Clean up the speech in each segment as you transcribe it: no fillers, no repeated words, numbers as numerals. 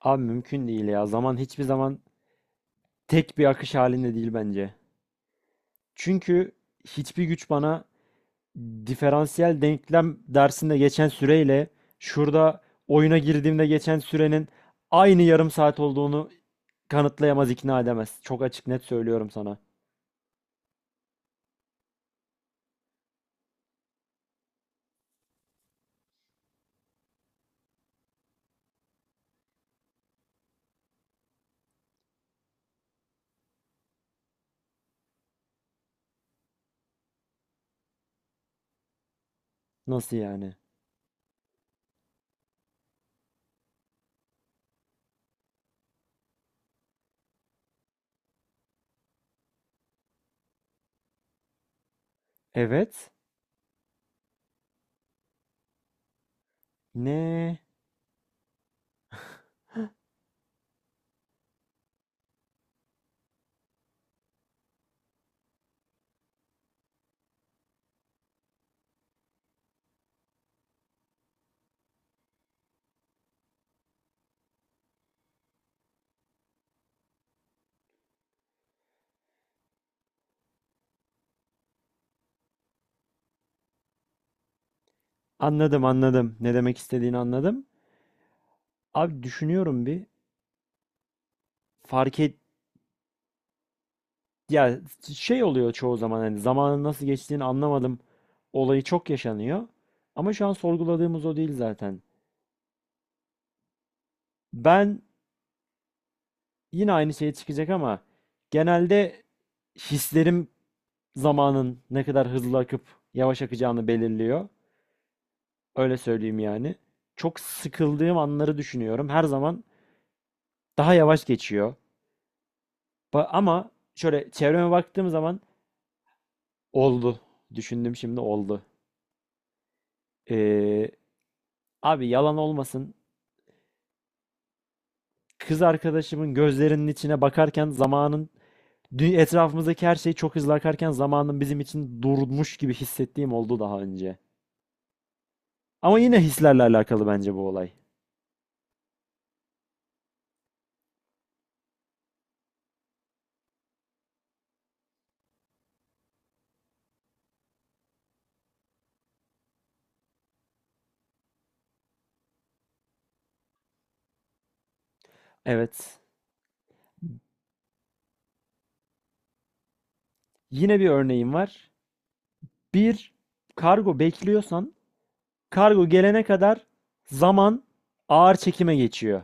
Abi mümkün değil ya. Zaman hiçbir zaman tek bir akış halinde değil bence. Çünkü hiçbir güç bana diferansiyel denklem dersinde geçen süreyle şurada oyuna girdiğimde geçen sürenin aynı yarım saat olduğunu kanıtlayamaz, ikna edemez. Çok açık net söylüyorum sana. Nasıl yani? Evet. Ne? Anladım, anladım. Ne demek istediğini anladım. Abi düşünüyorum bir. Fark et, ya şey oluyor çoğu zaman hani zamanın nasıl geçtiğini anlamadım olayı çok yaşanıyor. Ama şu an sorguladığımız o değil zaten. Ben yine aynı şeye çıkacak ama genelde hislerim zamanın ne kadar hızlı akıp yavaş akacağını belirliyor. Öyle söyleyeyim yani. Çok sıkıldığım anları düşünüyorum. Her zaman daha yavaş geçiyor. Ama şöyle çevreme baktığım zaman oldu. Düşündüm şimdi oldu. Ee, Abi yalan olmasın. Kız arkadaşımın gözlerinin içine bakarken zamanın etrafımızdaki her şey çok hızlı akarken zamanın bizim için durmuş gibi hissettiğim oldu daha önce. Ama yine hislerle alakalı bence bu olay. Evet. Yine bir örneğim var. Bir kargo bekliyorsan kargo gelene kadar zaman ağır çekime geçiyor.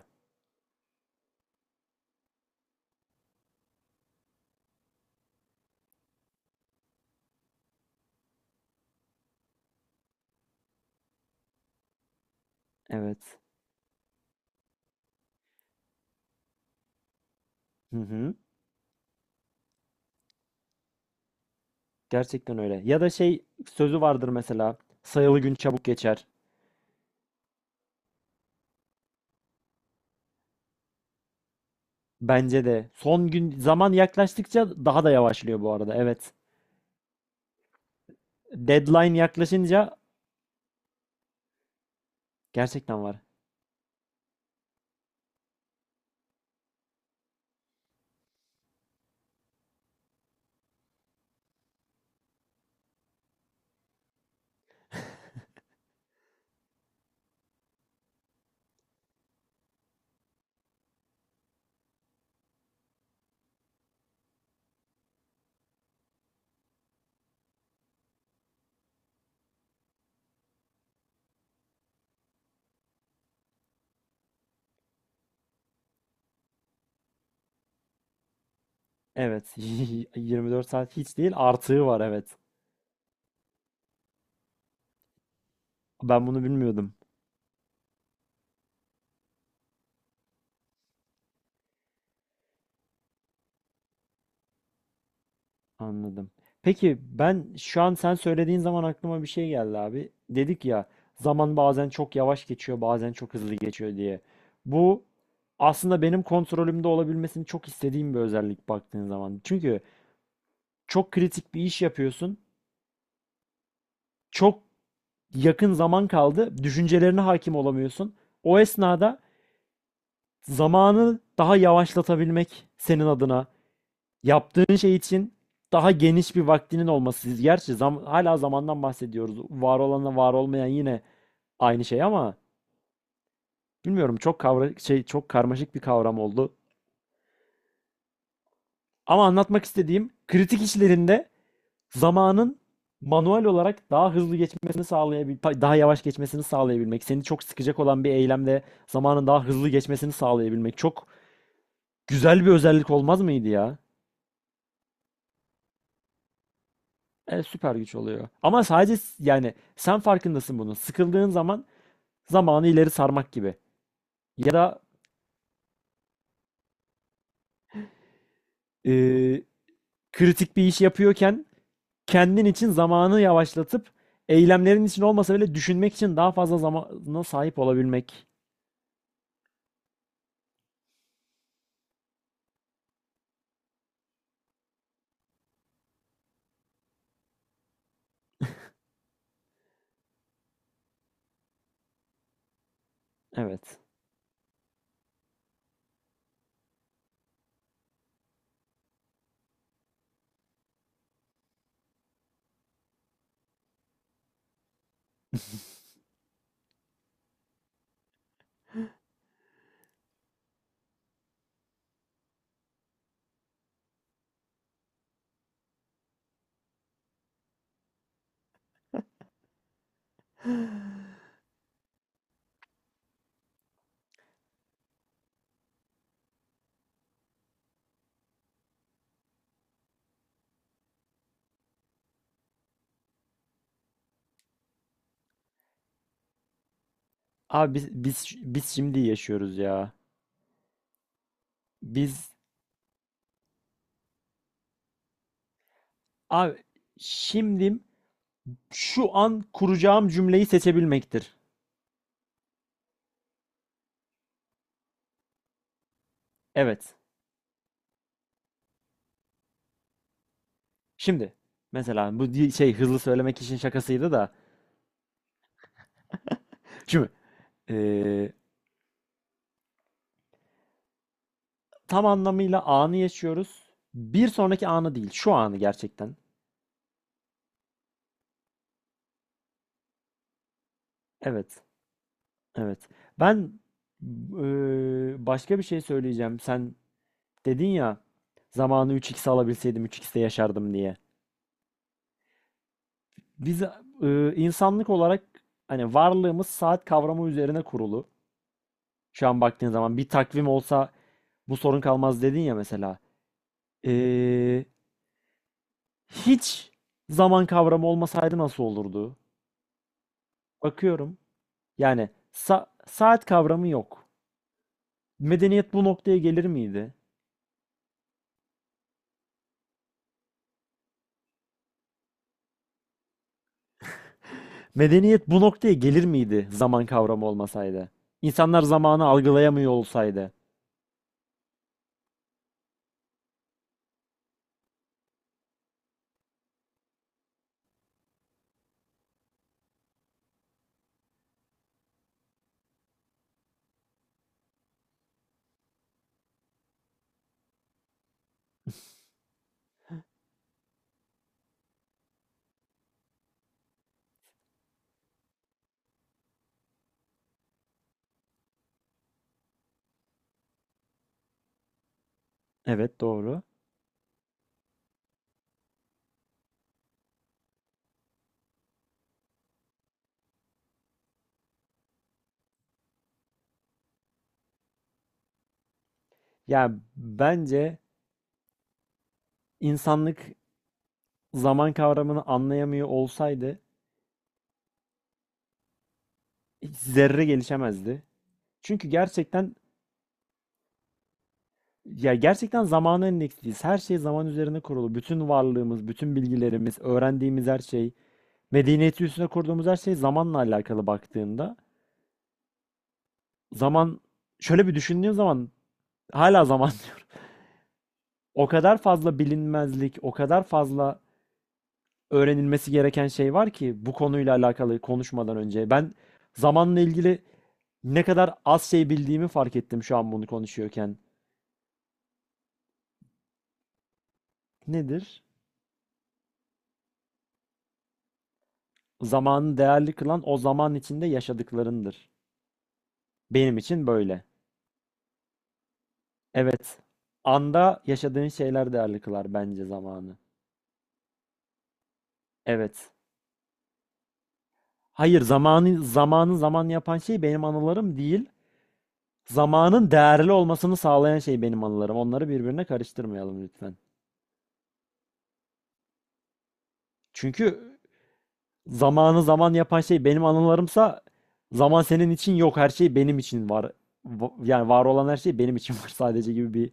Evet. Hı hı. Gerçekten öyle. Ya da şey sözü vardır mesela. Sayılı gün çabuk geçer. Bence de. Son gün zaman yaklaştıkça daha da yavaşlıyor bu arada. Evet. Deadline yaklaşınca gerçekten var. Evet. 24 saat hiç değil, artığı var, evet. Ben bunu bilmiyordum. Anladım. Peki ben şu an sen söylediğin zaman aklıma bir şey geldi abi. Dedik ya, zaman bazen çok yavaş geçiyor bazen çok hızlı geçiyor diye. Bu aslında benim kontrolümde olabilmesini çok istediğim bir özellik baktığın zaman. Çünkü çok kritik bir iş yapıyorsun. Çok yakın zaman kaldı. Düşüncelerine hakim olamıyorsun. O esnada zamanı daha yavaşlatabilmek senin adına yaptığın şey için daha geniş bir vaktinin olması. Gerçi hala zamandan bahsediyoruz. Var olanla var olmayan yine aynı şey ama bilmiyorum, çok şey, çok karmaşık bir kavram oldu. Ama anlatmak istediğim kritik işlerinde zamanın manuel olarak daha hızlı geçmesini sağlayabilmek, daha yavaş geçmesini sağlayabilmek, seni çok sıkacak olan bir eylemde zamanın daha hızlı geçmesini sağlayabilmek çok güzel bir özellik olmaz mıydı ya? Evet, süper güç oluyor. Ama sadece yani sen farkındasın bunun. Sıkıldığın zaman zamanı ileri sarmak gibi. Ya da eee, kritik bir iş yapıyorken kendin için zamanı yavaşlatıp eylemlerin için olmasa bile düşünmek için daha fazla zamana sahip olabilmek. Evet. Abi biz şimdi yaşıyoruz ya. Biz abi şimdi şu an kuracağım cümleyi seçebilmektir. Evet. Şimdi mesela bu şey hızlı söylemek için şakasıydı da. Şimdi Ee, tam anlamıyla anı yaşıyoruz. Bir sonraki anı değil, şu anı gerçekten. Evet, evet. Ben başka bir şey söyleyeceğim. Sen dedin ya, zamanı 3x alabilseydim 3x'te yaşardım diye. Biz insanlık olarak hani varlığımız saat kavramı üzerine kurulu. Şu an baktığın zaman bir takvim olsa bu sorun kalmaz dedin ya mesela. Eee, Hiç zaman kavramı olmasaydı nasıl olurdu? Bakıyorum. Yani saat kavramı yok. Medeniyet bu noktaya gelir miydi? Medeniyet bu noktaya gelir miydi zaman kavramı olmasaydı? İnsanlar zamanı algılayamıyor olsaydı. Evet, doğru. Yani bence insanlık zaman kavramını anlayamıyor olsaydı hiç zerre gelişemezdi. Çünkü gerçekten, ya gerçekten zamana endeksliyiz. Her şey zaman üzerine kurulu. Bütün varlığımız, bütün bilgilerimiz, öğrendiğimiz her şey, medeniyeti üstüne kurduğumuz her şey zamanla alakalı baktığında. Zaman, şöyle bir düşündüğün zaman hala zaman diyorum. O kadar fazla bilinmezlik, o kadar fazla öğrenilmesi gereken şey var ki bu konuyla alakalı konuşmadan önce. Ben zamanla ilgili ne kadar az şey bildiğimi fark ettim şu an bunu konuşuyorken. Nedir? Zamanı değerli kılan, o zaman içinde yaşadıklarındır. Benim için böyle. Evet. Anda yaşadığın şeyler değerli kılar bence zamanı. Evet. Hayır, zamanı zaman yapan şey benim anılarım değil. Zamanın değerli olmasını sağlayan şey benim anılarım. Onları birbirine karıştırmayalım lütfen. Çünkü zamanı zaman yapan şey benim anılarımsa zaman senin için yok. Her şey benim için var. Yani var olan her şey benim için var sadece, gibi bir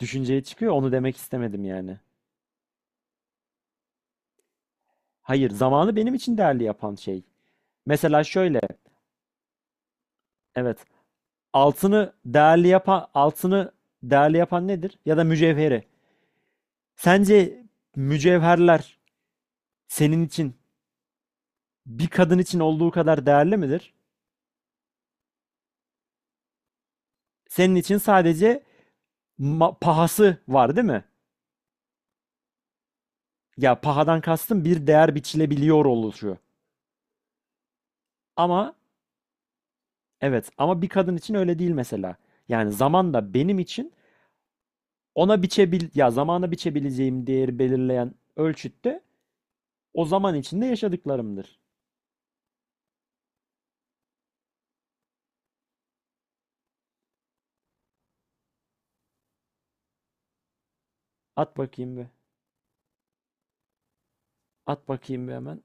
düşünceye çıkıyor. Onu demek istemedim yani. Hayır, zamanı benim için değerli yapan şey. Mesela şöyle, evet. Altını değerli yapan nedir? Ya da mücevheri. Sence mücevherler senin için bir kadın için olduğu kadar değerli midir? Senin için sadece pahası var değil mi? Ya, pahadan kastım bir değer biçilebiliyor oluşu. Ama evet, ama bir kadın için öyle değil mesela. Yani zaman da benim için ona biçebil ya zamana biçebileceğim değeri belirleyen ölçütte o zaman içinde yaşadıklarımdır. At bakayım bir. At bakayım bir hemen.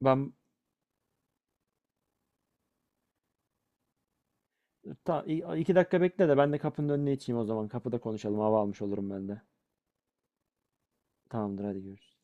Ben 2 dakika bekle de ben de kapının önüne içeyim o zaman. Kapıda konuşalım. Hava almış olurum ben de. Tamamdır, hadi görüşürüz.